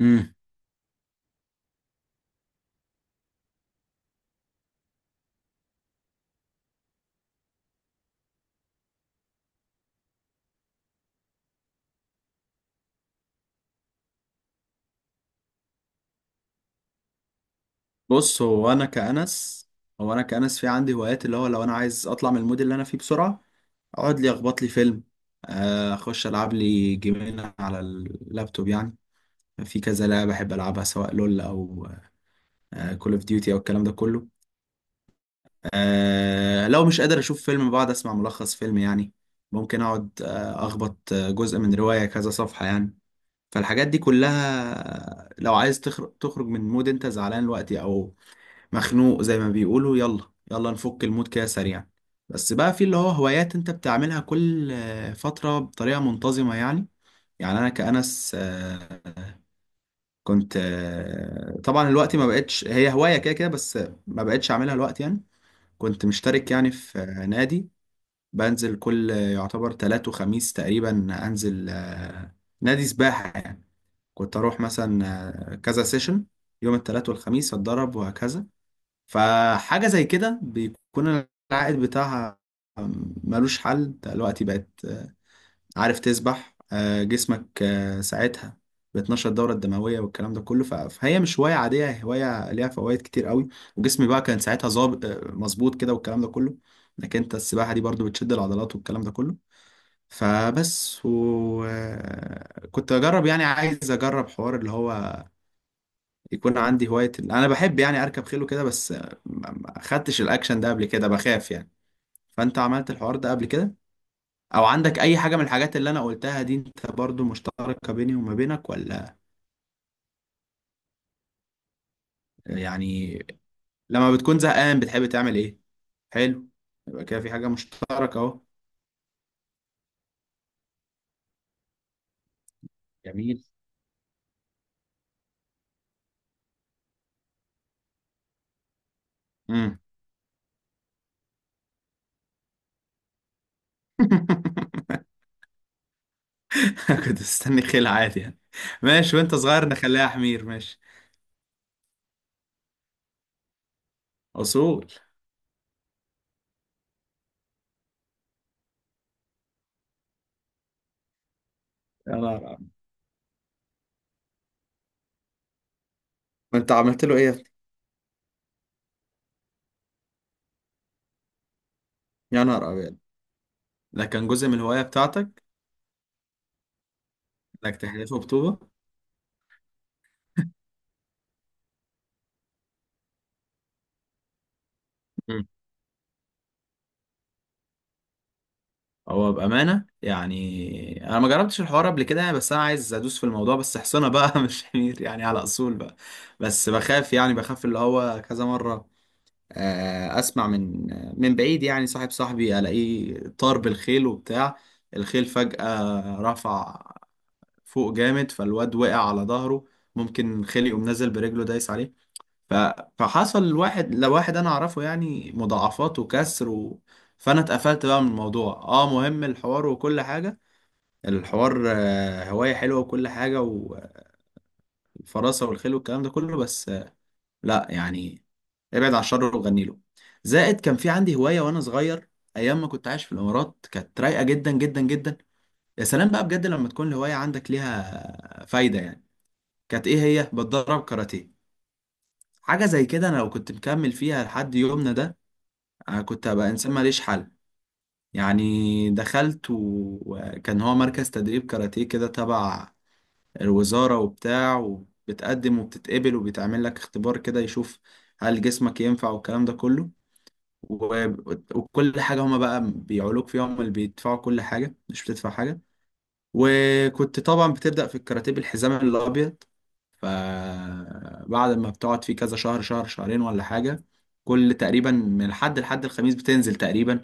امم بص. هو انا كأنس في عندي هوايات اللي هو لو انا عايز اطلع من المود اللي انا فيه بسرعة اقعد لي اخبط لي فيلم، اخش العب لي جيمين على اللابتوب يعني. في كذا لعبة بحب العبها سواء لول او كول اوف ديوتي او الكلام ده كله. لو مش قادر اشوف فيلم بقعد اسمع ملخص فيلم يعني. ممكن اقعد اخبط جزء من رواية كذا صفحة يعني. فالحاجات دي كلها لو عايز تخرج من مود انت زعلان دلوقتي او مخنوق زي ما بيقولوا، يلا يلا نفك المود كده سريعا. بس بقى في اللي هو هوايات انت بتعملها كل فترة بطريقة منتظمة يعني. يعني انا كأنس كنت طبعا الوقت ما بقتش هي هواية كده كده بس. ما بقتش اعملها الوقت يعني. كنت مشترك يعني في نادي. بنزل كل يعتبر تلات وخميس تقريبا. انزل نادي سباحة يعني. كنت اروح مثلا كذا سيشن، يوم التلات والخميس اتدرب وهكذا. فحاجة زي كده بيكون العائد بتاعها ملوش حل. انت دلوقتي بقت عارف تسبح، جسمك ساعتها بتنشط الدورة الدموية والكلام ده كله. فهي مش هواية عادية، هي هواية ليها فوائد كتير قوي. وجسمي بقى كان ساعتها ظابط مظبوط كده والكلام ده كله. لكن انت السباحة دي برضو بتشد العضلات والكلام ده كله. فبس، وكنت اجرب يعني عايز اجرب حوار اللي هو يكون عندي هواية. أنا بحب يعني أركب خيل وكده، بس ما خدتش الأكشن ده قبل كده، بخاف يعني. فأنت عملت الحوار ده قبل كده؟ أو عندك أي حاجة من الحاجات اللي أنا قلتها دي أنت برضو مشتركة بيني وما بينك ولا يعني؟ لما بتكون زهقان بتحب تعمل إيه؟ حلو. يبقى كده في حاجة مشتركة أهو. جميل. امم. كنت مستني خيل عادي يعني. ماشي، وأنت صغير نخليها حمير، ماشي. أصول. يا نهار أبيض. أنت عملت له إيه يا ابني؟ يا نهار أبيض. ده كان جزء من الهواية بتاعتك؟ انك تحذفه بطوبه. مم. هو بامانه يعني انا ما جربتش الحوار قبل كده يعني، بس انا عايز ادوس في الموضوع، بس حصانه بقى مش حمير يعني، على اصول بقى. بس بخاف يعني، بخاف اللي هو كذا مره اسمع من بعيد يعني صاحب صاحبي الاقيه طار بالخيل وبتاع. الخيل فجاه رفع فوق جامد، فالواد وقع على ظهره. ممكن خيل يقوم نازل برجله دايس عليه. ف... فحصل لواحد انا اعرفه يعني مضاعفات وكسر و. فانا اتقفلت بقى من الموضوع. اه، مهم، الحوار وكل حاجة. الحوار هواية حلوة وكل حاجة، والفراسة والخيل والكلام ده كله، بس لا يعني، ابعد عن الشر وغني له. زائد كان في عندي هواية وانا صغير، ايام ما كنت عايش في الامارات كانت رايقة جدا جدا جدا. يا سلام بقى بجد لما تكون الهواية عندك ليها فايدة يعني. كانت ايه هي؟ بتدرب كاراتيه. حاجة زي كده انا لو كنت مكمل فيها لحد يومنا ده أنا كنت هبقى إنسان ماليش حل. يعني دخلت وكان هو مركز تدريب كاراتيه كده تبع الوزارة وبتاع، وبتقدم وبتتقبل وبيتعمل لك اختبار كده يشوف هل جسمك ينفع والكلام ده كله. و- وكل حاجة هما بقى بيعولوك فيها، هما اللي بيدفعوا كل حاجة، مش بتدفع حاجة. وكنت طبعا بتبدأ في الكاراتيه بالحزام الأبيض. فبعد ما بتقعد فيه كذا شهر، شهر شهرين ولا حاجة، كل تقريبا من الحد لحد الخميس بتنزل تقريبا،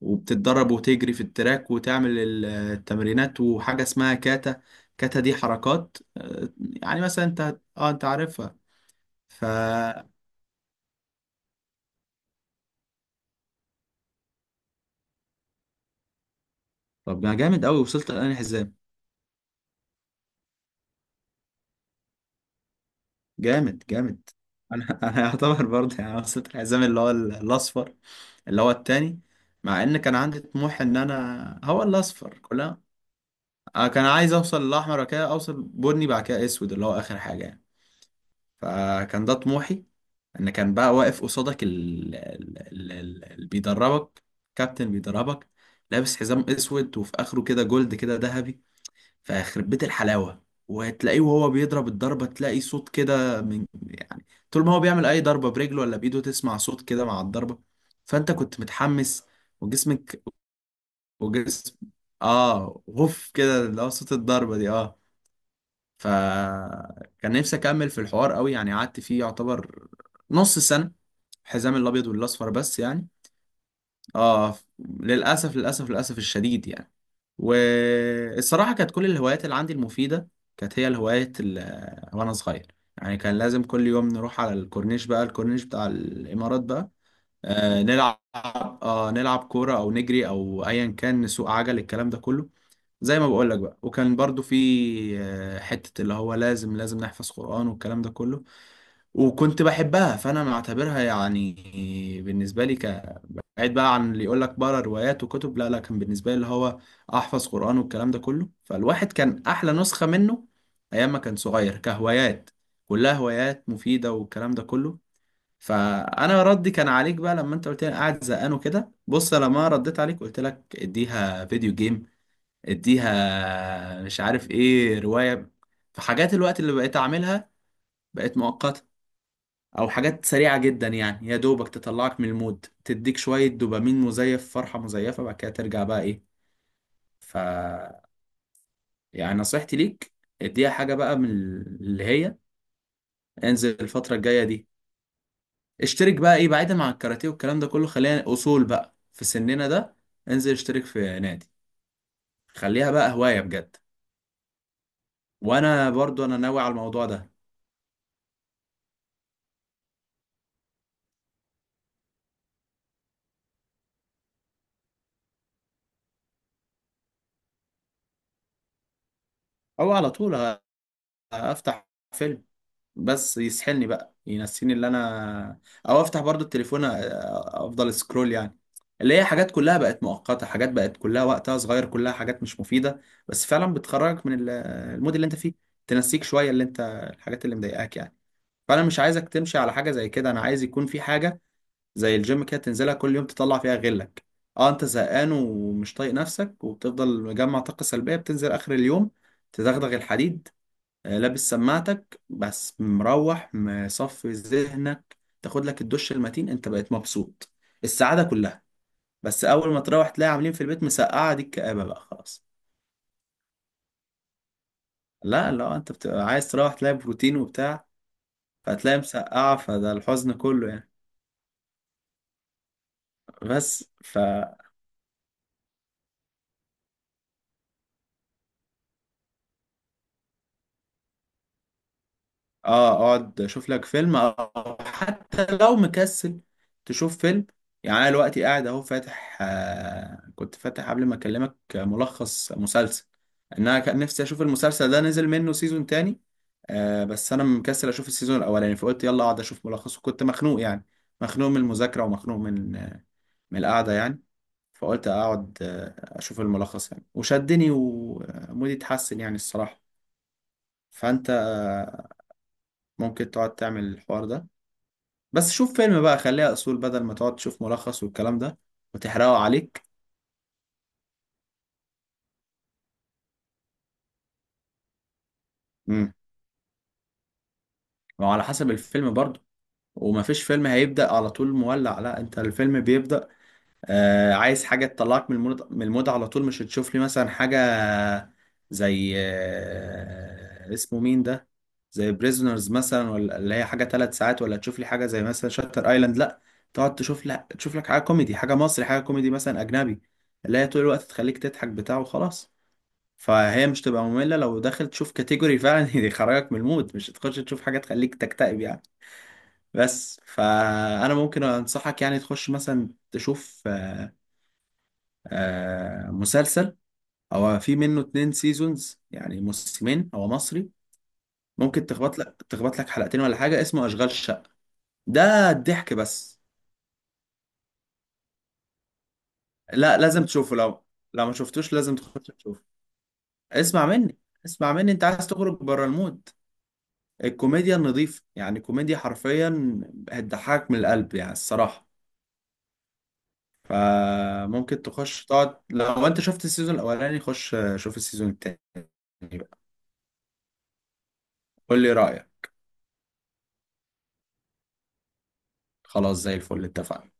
وبتتدرب وتجري في التراك وتعمل التمرينات، وحاجة اسمها كاتا. كاتا دي حركات يعني مثلا، انت عارفها. ف طب ما جامد قوي، وصلت لأنهي حزام؟ جامد جامد. انا انا يعتبر برضه يعني وصلت الحزام اللي هو الاصفر، اللي هو التاني. مع ان كان عندي طموح ان انا هو الاصفر كلها. انا كان عايز اوصل الاحمر، وبعد كده اوصل بني، بعد كده اسود اللي هو اخر حاجة يعني. فكان ده طموحي. ان كان بقى واقف قصادك اللي بيدربك، كابتن بيدربك، لابس حزام اسود وفي اخره كده جولد كده، ذهبي. فيخرب بيت الحلاوه، وتلاقيه وهو بيضرب الضربه تلاقي صوت كده من يعني، طول ما هو بيعمل اي ضربه برجله ولا بايده تسمع صوت كده مع الضربه. فانت كنت متحمس وجسمك وجسم. اه، غف كده اللي هو صوت الضربه دي، اه. فكان نفسي اكمل في الحوار قوي يعني، قعدت فيه يعتبر نص سنة، حزام الابيض والاصفر بس يعني. اه، للاسف للاسف للاسف الشديد يعني. والصراحة كانت كل الهوايات اللي عندي المفيدة كانت هي الهوايات اللي وأنا صغير يعني. كان لازم كل يوم نروح على الكورنيش بقى، الكورنيش بتاع الإمارات بقى، آه نلعب نلعب كورة، أو نجري، أو أيا كان، نسوق عجل، الكلام ده كله، زي ما بقول لك بقى. وكان برضو في حتة اللي هو لازم نحفظ قرآن والكلام ده كله، وكنت بحبها. فأنا معتبرها يعني بالنسبة لي بعيد بقى عن اللي يقول لك بقرا روايات وكتب، لا لا، كان بالنسبة لي اللي هو أحفظ قرآن والكلام ده كله. فالواحد كان أحلى نسخة منه أيام ما كان صغير، كهوايات كلها هوايات مفيدة والكلام ده كله. فأنا ردي كان عليك بقى لما أنت قلت لي أنا قاعد زهقان وكده، بص لما رديت عليك قلت لك اديها فيديو جيم، اديها مش عارف ايه، رواية. فحاجات الوقت اللي بقيت اعملها بقت مؤقتة، او حاجات سريعة جدا يعني، يا دوبك تطلعك من المود، تديك شوية دوبامين مزيف، فرحة مزيفة، بعد كده ترجع بقى ايه. ف يعني نصيحتي ليك، اديها حاجة بقى من اللي هي، انزل الفترة الجاية دي اشترك بقى ايه، بعيدا عن الكاراتيه والكلام ده كله، خلينا اصول بقى في سننا ده. انزل اشترك في نادي، خليها بقى هواية بجد. وانا برضو انا ناوي على الموضوع ده. او على طول افتح فيلم بس يسحلني بقى، ينسيني اللي انا، او افتح برضو التليفون، افضل سكرول يعني، اللي هي حاجات كلها بقت مؤقتة، حاجات بقت كلها وقتها صغير، كلها حاجات مش مفيدة، بس فعلا بتخرجك من المود اللي انت فيه، تنسيك شوية اللي انت، الحاجات اللي مضايقاك يعني. فانا مش عايزك تمشي على حاجة زي كده، انا عايز يكون في حاجة زي الجيم كده، تنزلها كل يوم تطلع فيها غلك. اه، انت زهقان ومش طايق نفسك وبتفضل مجمع طاقة سلبية، بتنزل اخر اليوم تدغدغ الحديد، لابس سماعتك، بس مروح مصفي ذهنك، تاخد لك الدش المتين، انت بقيت مبسوط، السعادة كلها. بس اول ما تروح تلاقي عاملين في البيت مسقعة، دي الكآبة بقى، خلاص. لا لا، انت بتبقى عايز تروح تلاقي بروتين وبتاع، فتلاقي مسقعة، فده الحزن كله يعني. بس ف اه، اقعد اشوف لك فيلم، او حتى لو مكسل تشوف فيلم. يعني انا دلوقتي قاعد اهو فاتح آه كنت فاتح قبل ما اكلمك ملخص مسلسل، ان انا كان نفسي اشوف المسلسل ده، نزل منه سيزون تاني. بس انا مكسل اشوف السيزون الاولاني، فقلت يلا اقعد اشوف ملخص، وكنت مخنوق يعني، مخنوق من المذاكرة، ومخنوق من القعدة يعني، فقلت اقعد آه اشوف الملخص يعني، وشدني ومودي اتحسن يعني الصراحة. فانت ممكن تقعد تعمل الحوار ده، بس شوف فيلم بقى، خليها اصول، بدل ما تقعد تشوف ملخص والكلام ده وتحرقه عليك. امم وعلى حسب الفيلم برضه. ومفيش فيلم هيبدأ على طول مولع، لا انت الفيلم بيبدأ عايز حاجة تطلعك من المود على طول. مش هتشوف لي مثلا حاجة زي اسمه مين ده، زي بريزونرز مثلا، ولا اللي هي حاجة 3 ساعات، ولا تشوف لي حاجة زي مثلا شاتر ايلاند، لا. تقعد تشوف لك حاجة كوميدي، حاجة مصري، حاجة كوميدي مثلا أجنبي، اللي هي طول الوقت تخليك تضحك بتاعه وخلاص. فهي مش تبقى مملة لو داخل تشوف كاتيجوري فعلا يخرجك من المود، مش تخش تشوف حاجة تخليك تكتئب يعني. بس فأنا ممكن أنصحك يعني تخش مثلا تشوف مسلسل، هو في منه 2 سيزونز يعني، موسمين، هو مصري، ممكن تخبط لك حلقتين ولا حاجة، اسمه أشغال شقة، ده الضحك بس. لا لازم تشوفه، لو ما شوفتوش لازم تخش تشوفه. اسمع مني، اسمع مني، انت عايز تخرج بره المود، الكوميديا النظيفة يعني، كوميديا حرفيا هتضحكك من القلب يعني الصراحة. فممكن تخش تقعد، لو انت شفت السيزون الاولاني خش شوف السيزون التاني بقى، قول لي رأيك، خلاص زي الفل اتفقنا.